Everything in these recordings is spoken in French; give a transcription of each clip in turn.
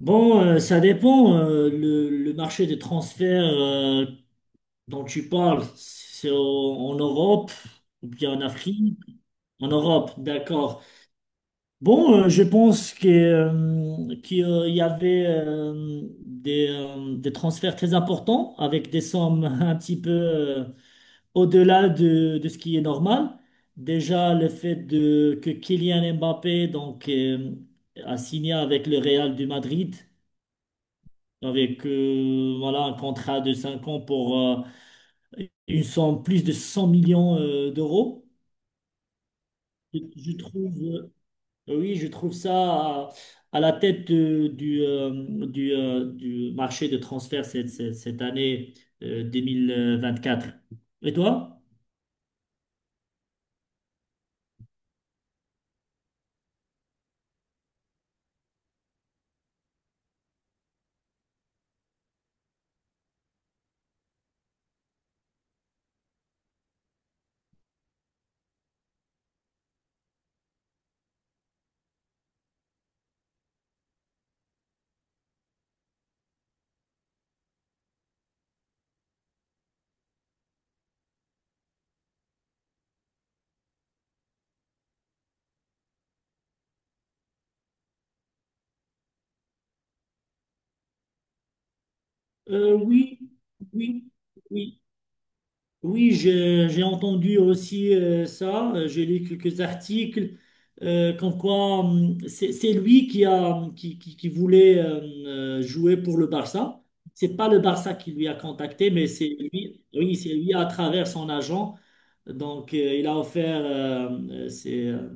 Bon, ça dépend. Le marché des transferts dont tu parles, c'est en Europe ou bien en Afrique? En Europe, d'accord. Bon, je pense que, qu'il y avait des transferts très importants avec des sommes un petit peu au-delà de ce qui est normal. Déjà, que Kylian Mbappé donc, a signé avec le Real du Madrid avec voilà, un contrat de 5 ans pour une somme plus de 100 millions d'euros. Je trouve, oui, je trouve ça à la tête du marché de transfert cette année 2024. Et toi? Euh, oui, oui, oui. Oui, j'ai entendu aussi ça. J'ai lu quelques articles comme quoi c'est lui qui a qui, qui voulait jouer pour le Barça. C'est pas le Barça qui lui a contacté, mais c'est lui. Oui, c'est lui à travers son agent. Donc, il a offert euh, ses, euh,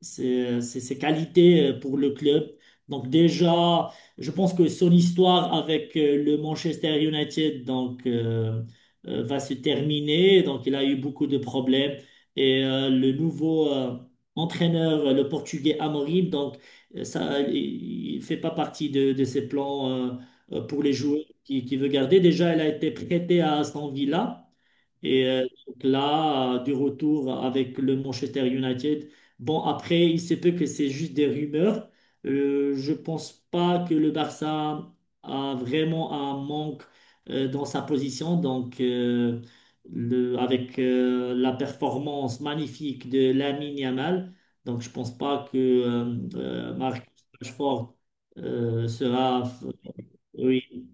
ses qualités pour le club. Donc, déjà, je pense que son histoire avec le Manchester United donc, va se terminer. Donc, il a eu beaucoup de problèmes. Et le nouveau entraîneur, le Portugais Amorim, donc, ça, il ne fait pas partie de ses plans pour les joueurs qu'il qui veut garder. Déjà, il a été prêté à Aston Villa. Et donc là, du retour avec le Manchester United. Bon, après, il se peut que c'est juste des rumeurs. Je pense pas que le Barça a vraiment un manque dans sa position. Donc, avec la performance magnifique de Lamine Yamal, donc je pense pas que Marcus Rashford euh, sera, oui,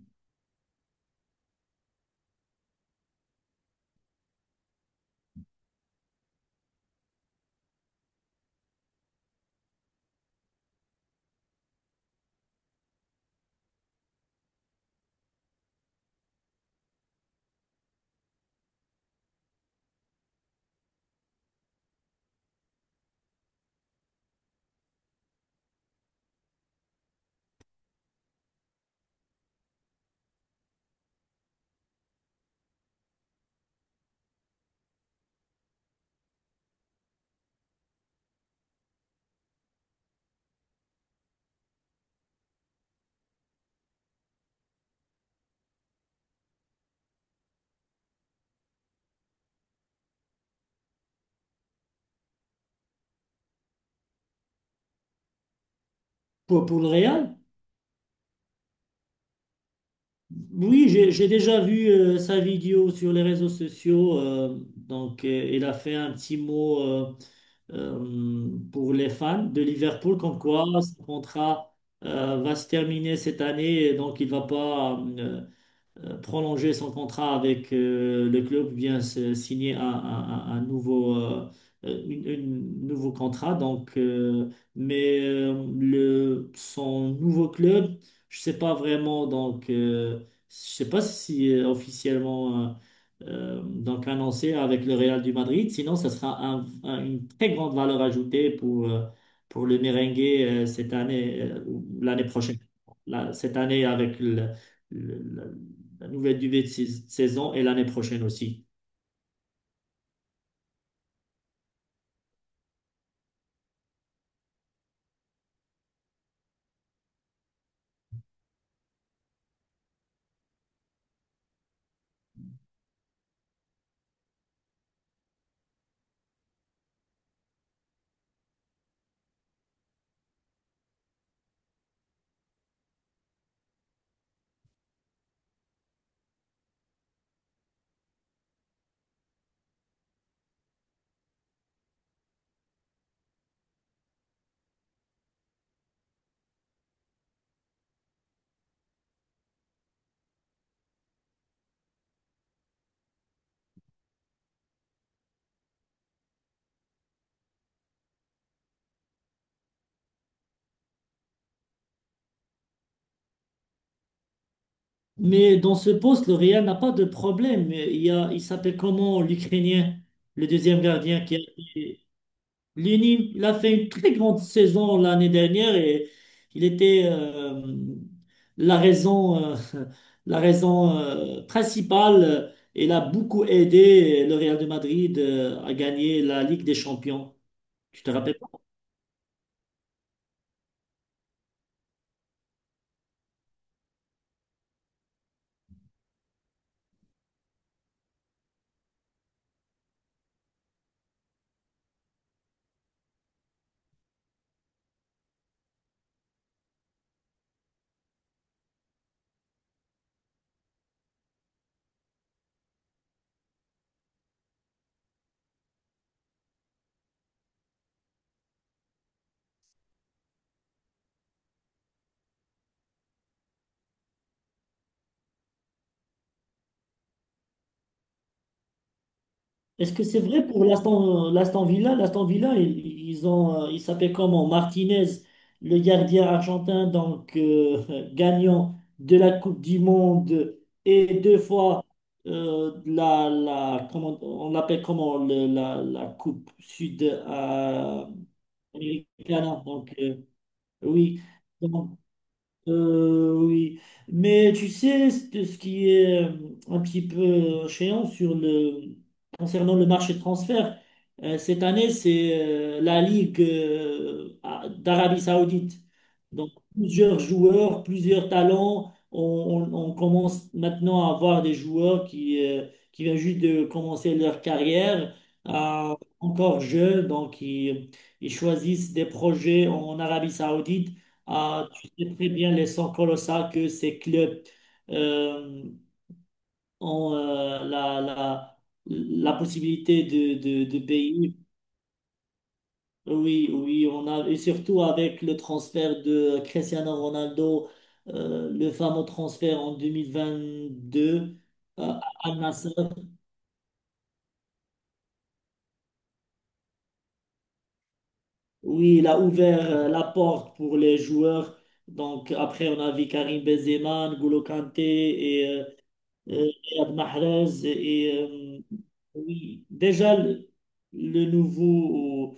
pour le Real. Oui, j'ai déjà vu sa vidéo sur les réseaux sociaux. Donc, il a fait un petit mot pour les fans de Liverpool, comme quoi son contrat va se terminer cette année, et donc il va pas prolonger son contrat avec le club, ou bien signer un nouveau, nouveau contrat. Donc, mais son nouveau club, je sais pas vraiment. Donc, je sais pas si officiellement donc annoncé avec le Real du Madrid. Sinon, ça sera une très grande valeur ajoutée pour le merengue cette année, ou l'année prochaine. Là, cette année, avec la nouvelle début de saison et l'année prochaine aussi. Mais dans ce poste, le Real n'a pas de problème. Il y a, il s'appelle comment l'Ukrainien, le deuxième gardien qui a été Lunin. Il a fait une très grande saison l'année dernière et il était la raison, euh, la raison principale. Il a beaucoup aidé le Real de Madrid à gagner la Ligue des Champions. Tu te rappelles? Est-ce que c'est vrai pour l'Aston Villa? L'Aston Villa, ils ont, il s'appelle comment? Martinez, le gardien argentin, donc gagnant de la Coupe du Monde et deux fois on l'appelle comment le- la, la Coupe Sud américaine. Donc oui, oui, mais tu sais, ce qui est un petit peu chiant sur concernant le marché de transfert, cette année, c'est la Ligue d'Arabie Saoudite. Donc, plusieurs joueurs, plusieurs talents. On, on commence maintenant à avoir des joueurs qui viennent juste de commencer leur carrière, euh, encore jeunes, donc ils choisissent des projets en Arabie Saoudite. Ah, tu sais très bien les sons colossales que ces clubs euh, ont la possibilité de payer. Oui, oui, on a, et surtout avec le transfert de Cristiano Ronaldo, le fameux transfert en 2022 à Al-Nassr. Oui, il a ouvert la porte pour les joueurs. Donc après, on a vu Karim Benzema, N'Golo Kanté et Riyad Mahrez et oui, déjà le nouveau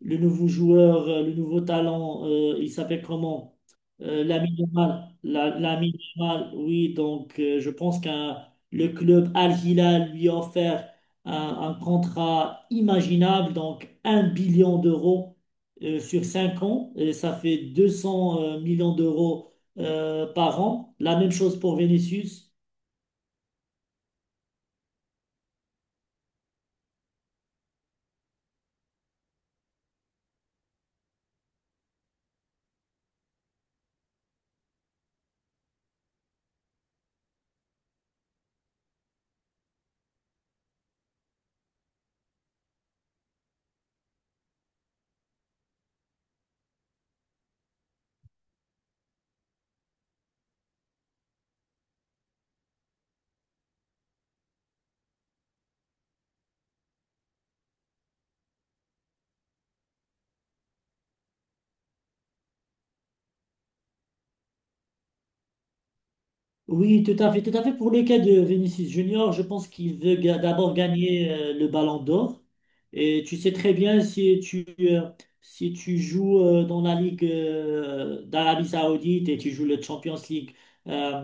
le nouveau joueur, le nouveau talent, il s'appelle comment? Lamine Yamal. Lamine Yamal, oui, donc je pense qu'un le club Al Hilal lui a offert un contrat imaginable, donc un billion d'euros sur 5 ans, et ça fait 200 millions d'euros par an. La même chose pour Vinicius. Oui, tout à fait, tout à fait. Pour le cas de Vinicius Junior, je pense qu'il veut d'abord gagner le Ballon d'Or. Et tu sais très bien si tu si tu joues dans la Ligue d'Arabie Saoudite et tu joues le Champions League euh,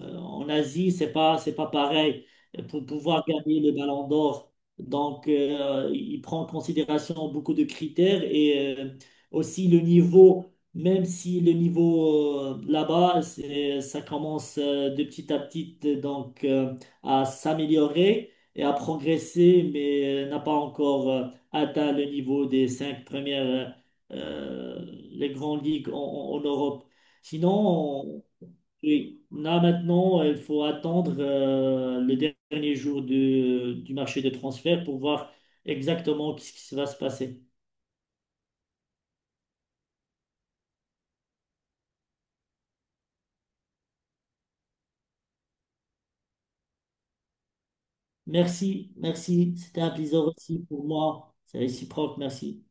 en Asie, c'est pas pareil pour pouvoir gagner le Ballon d'Or. Donc il prend en considération beaucoup de critères et aussi le niveau, même si le niveau là-bas, ça commence de petit à petit donc à s'améliorer et à progresser, mais n'a pas encore atteint le niveau des 5 premières euh, euh, les grandes ligues en Europe. Sinon, on- oui, là maintenant, il faut attendre le dernier jour du marché des transferts pour voir exactement ce qui va se passer. Merci, merci. C'était un plaisir aussi pour moi. C'est réciproque, merci.